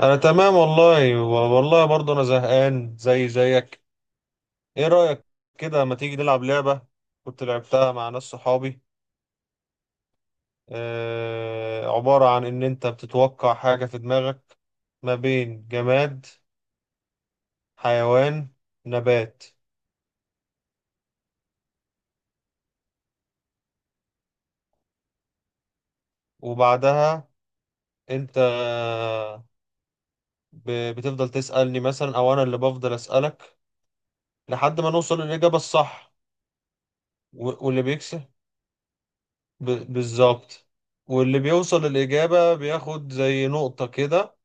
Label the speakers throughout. Speaker 1: انا تمام. والله برضه انا زهقان زي زيك. ايه رأيك كده؟ ما تيجي نلعب لعبة كنت لعبتها مع ناس صحابي. آه، عبارة عن ان انت بتتوقع حاجة في دماغك ما بين جماد، حيوان، نبات. وبعدها انت بتفضل تسألني مثلا او انا اللي بفضل اسألك لحد ما نوصل للإجابة الصح. واللي بيكسب ب... بالظبط، واللي بيوصل الإجابة بياخد زي نقطة كده،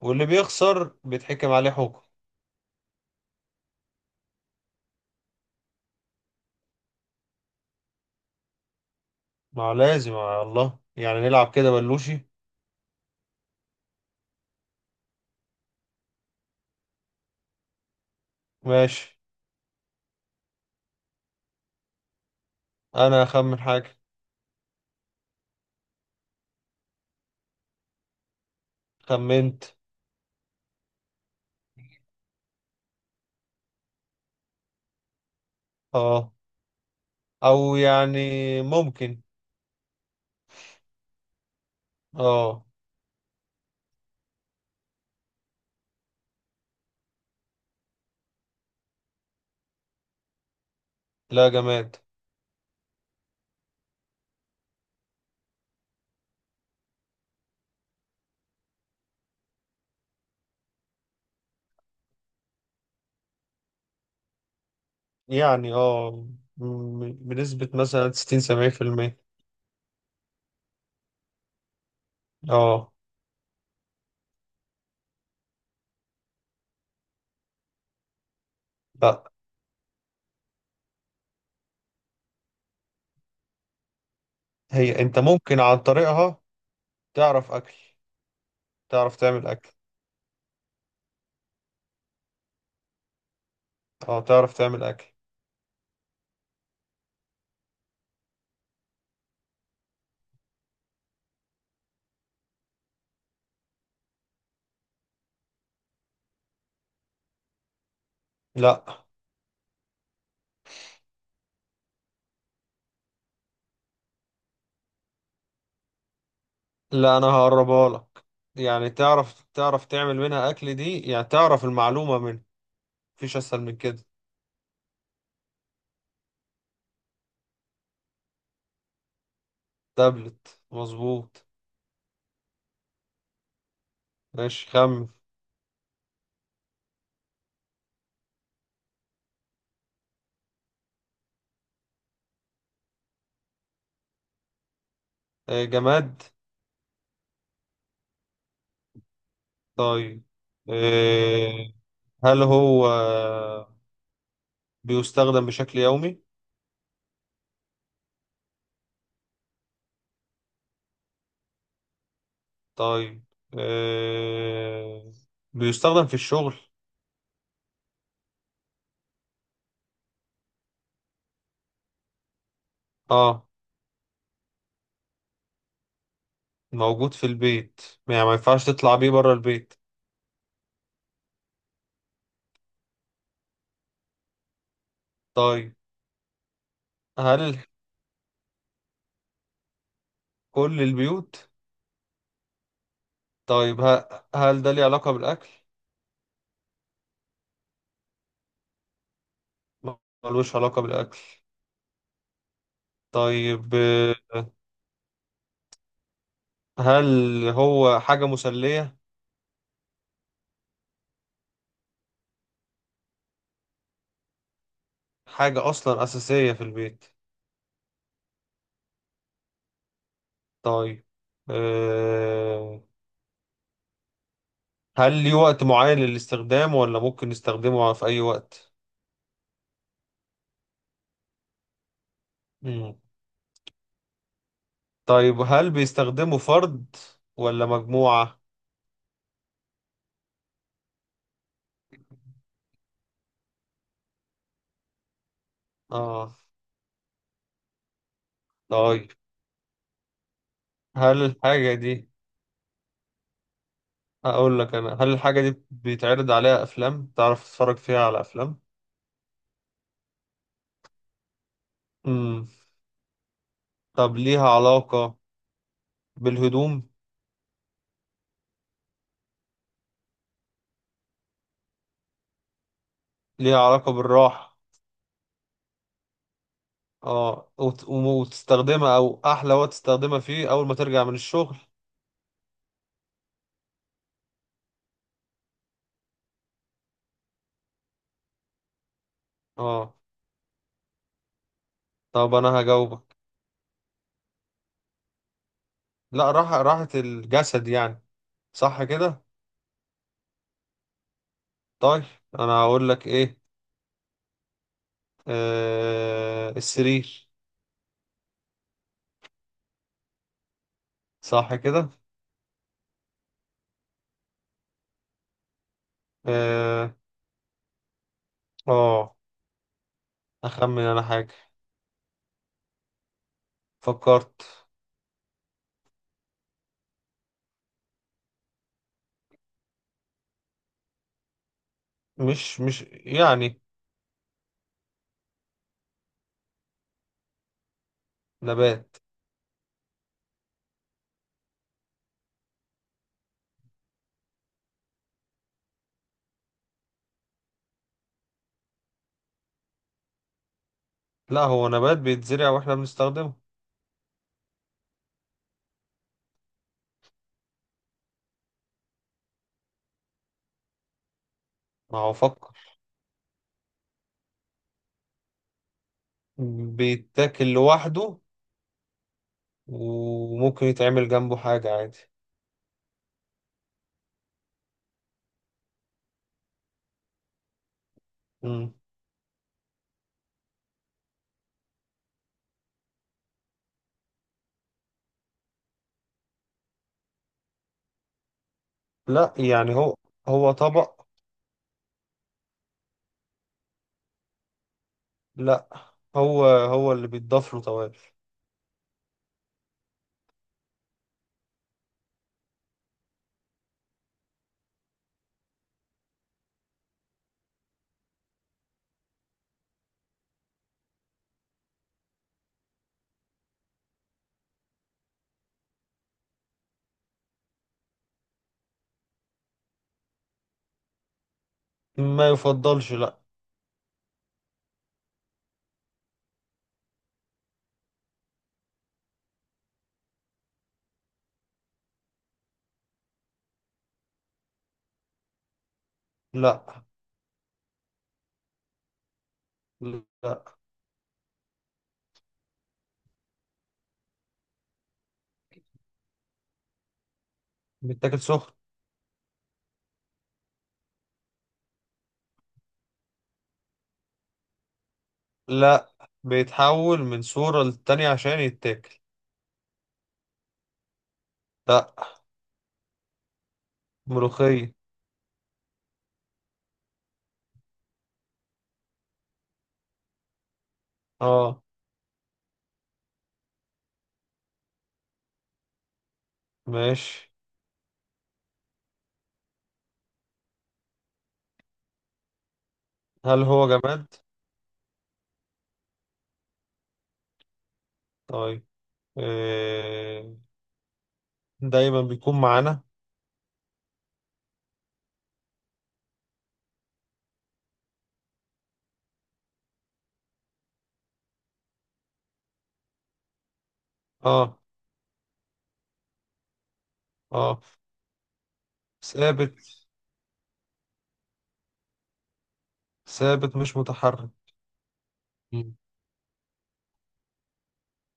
Speaker 1: واللي بيخسر بيتحكم عليه حكم. ما لازم على الله، يعني نلعب كده بلوشي. ماشي. أنا أخمن حاجة. خمنت. اه، أو يعني ممكن. اه. لا، جماد. يعني اه، بنسبة مثلا 60 70%. اه. لا، هي انت ممكن عن طريقها تعرف أكل، تعرف تعمل أكل. اه، تعرف تعمل أكل. لا. لا، انا هقربها لك. يعني تعرف تعمل منها اكل، دي يعني تعرف المعلومة منها. مفيش اسهل من كده. تابلت، مظبوط. ماشي آه، جماد. طيب، آه، هل هو بيستخدم بشكل يومي؟ طيب، آه، بيستخدم في الشغل؟ اه. موجود في البيت. يعني ما ينفعش تطلع بيه بره البيت؟ طيب، هل كل البيوت؟ طيب، هل ده ليه علاقة بالأكل؟ ملوش علاقة بالأكل. طيب، هل هو حاجة مسلية؟ حاجة أصلا أساسية في البيت. طيب، آه، هل ليه وقت معين للاستخدام ولا ممكن نستخدمه في أي وقت؟ مم. طيب، هل بيستخدمه فرد ولا مجموعة؟ آه. طيب، هل الحاجة دي، أقول لك أنا، هل الحاجة دي بيتعرض عليها أفلام؟ تعرف تتفرج فيها على أفلام؟ مم. طب ليها علاقة بالهدوم؟ ليها علاقة بالراحة. اه وتستخدمها، او احلى وقت تستخدمها فيه اول ما ترجع من الشغل. اه. طب انا هجاوبك. لا، راحة راحة الجسد يعني. صح كده. طيب، انا هقول لك ايه. آه، السرير. صح كده. اه، آه. اخمن انا حاجة. فكرت. مش يعني. نبات. لا، هو نبات بيتزرع واحنا بنستخدمه. ما هو فكر. بيتاكل لوحده، وممكن يتعمل جنبه حاجة عادي. مم. لا يعني هو، هو طبق. لا، هو هو اللي بيتضاف له توابل. ما يفضلش، لا. لا. لا، بيتاكل سخن. لا، بيتحول من صورة للتانية عشان يتاكل. لا، ملوخية. اه. ماشي. هل هو جماد؟ طيب، إيه، دايما بيكون معانا. اه. اه. ثابت. ثابت، مش متحرك. مم.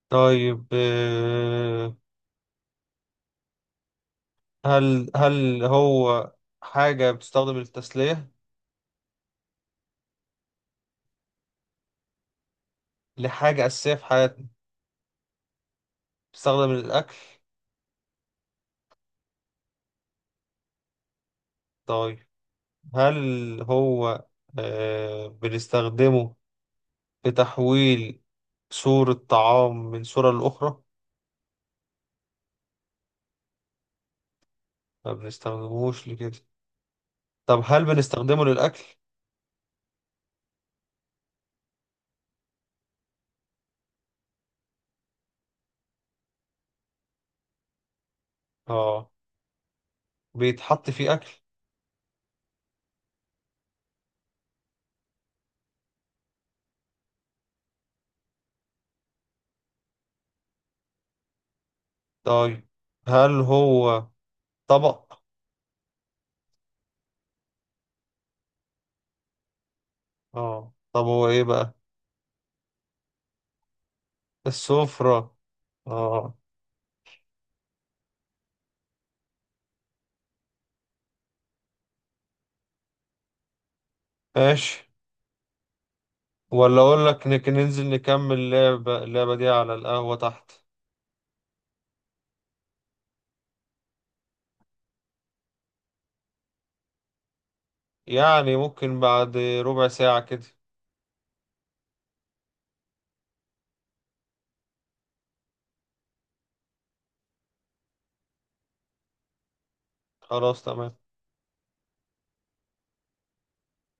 Speaker 1: طيب، إيه، هل هو حاجة بتستخدم للتسلية؟ لحاجة أساسية في حياتنا. بتستخدم للأكل. طيب، هل هو، آه، بنستخدمه في تحويل صورة طعام من صورة لأخرى؟ ما بنستخدموش لكده. طب هل بنستخدمه للأكل؟ اه. بيتحط فيه أكل. طيب، هل هو طبق؟ اه، طب هو إيه بقى؟ السفرة. اه. ماشي. ولا اقول لك ننزل نكمل اللعبة، دي على القهوة تحت؟ يعني ممكن بعد ربع ساعة كده. خلاص، تمام.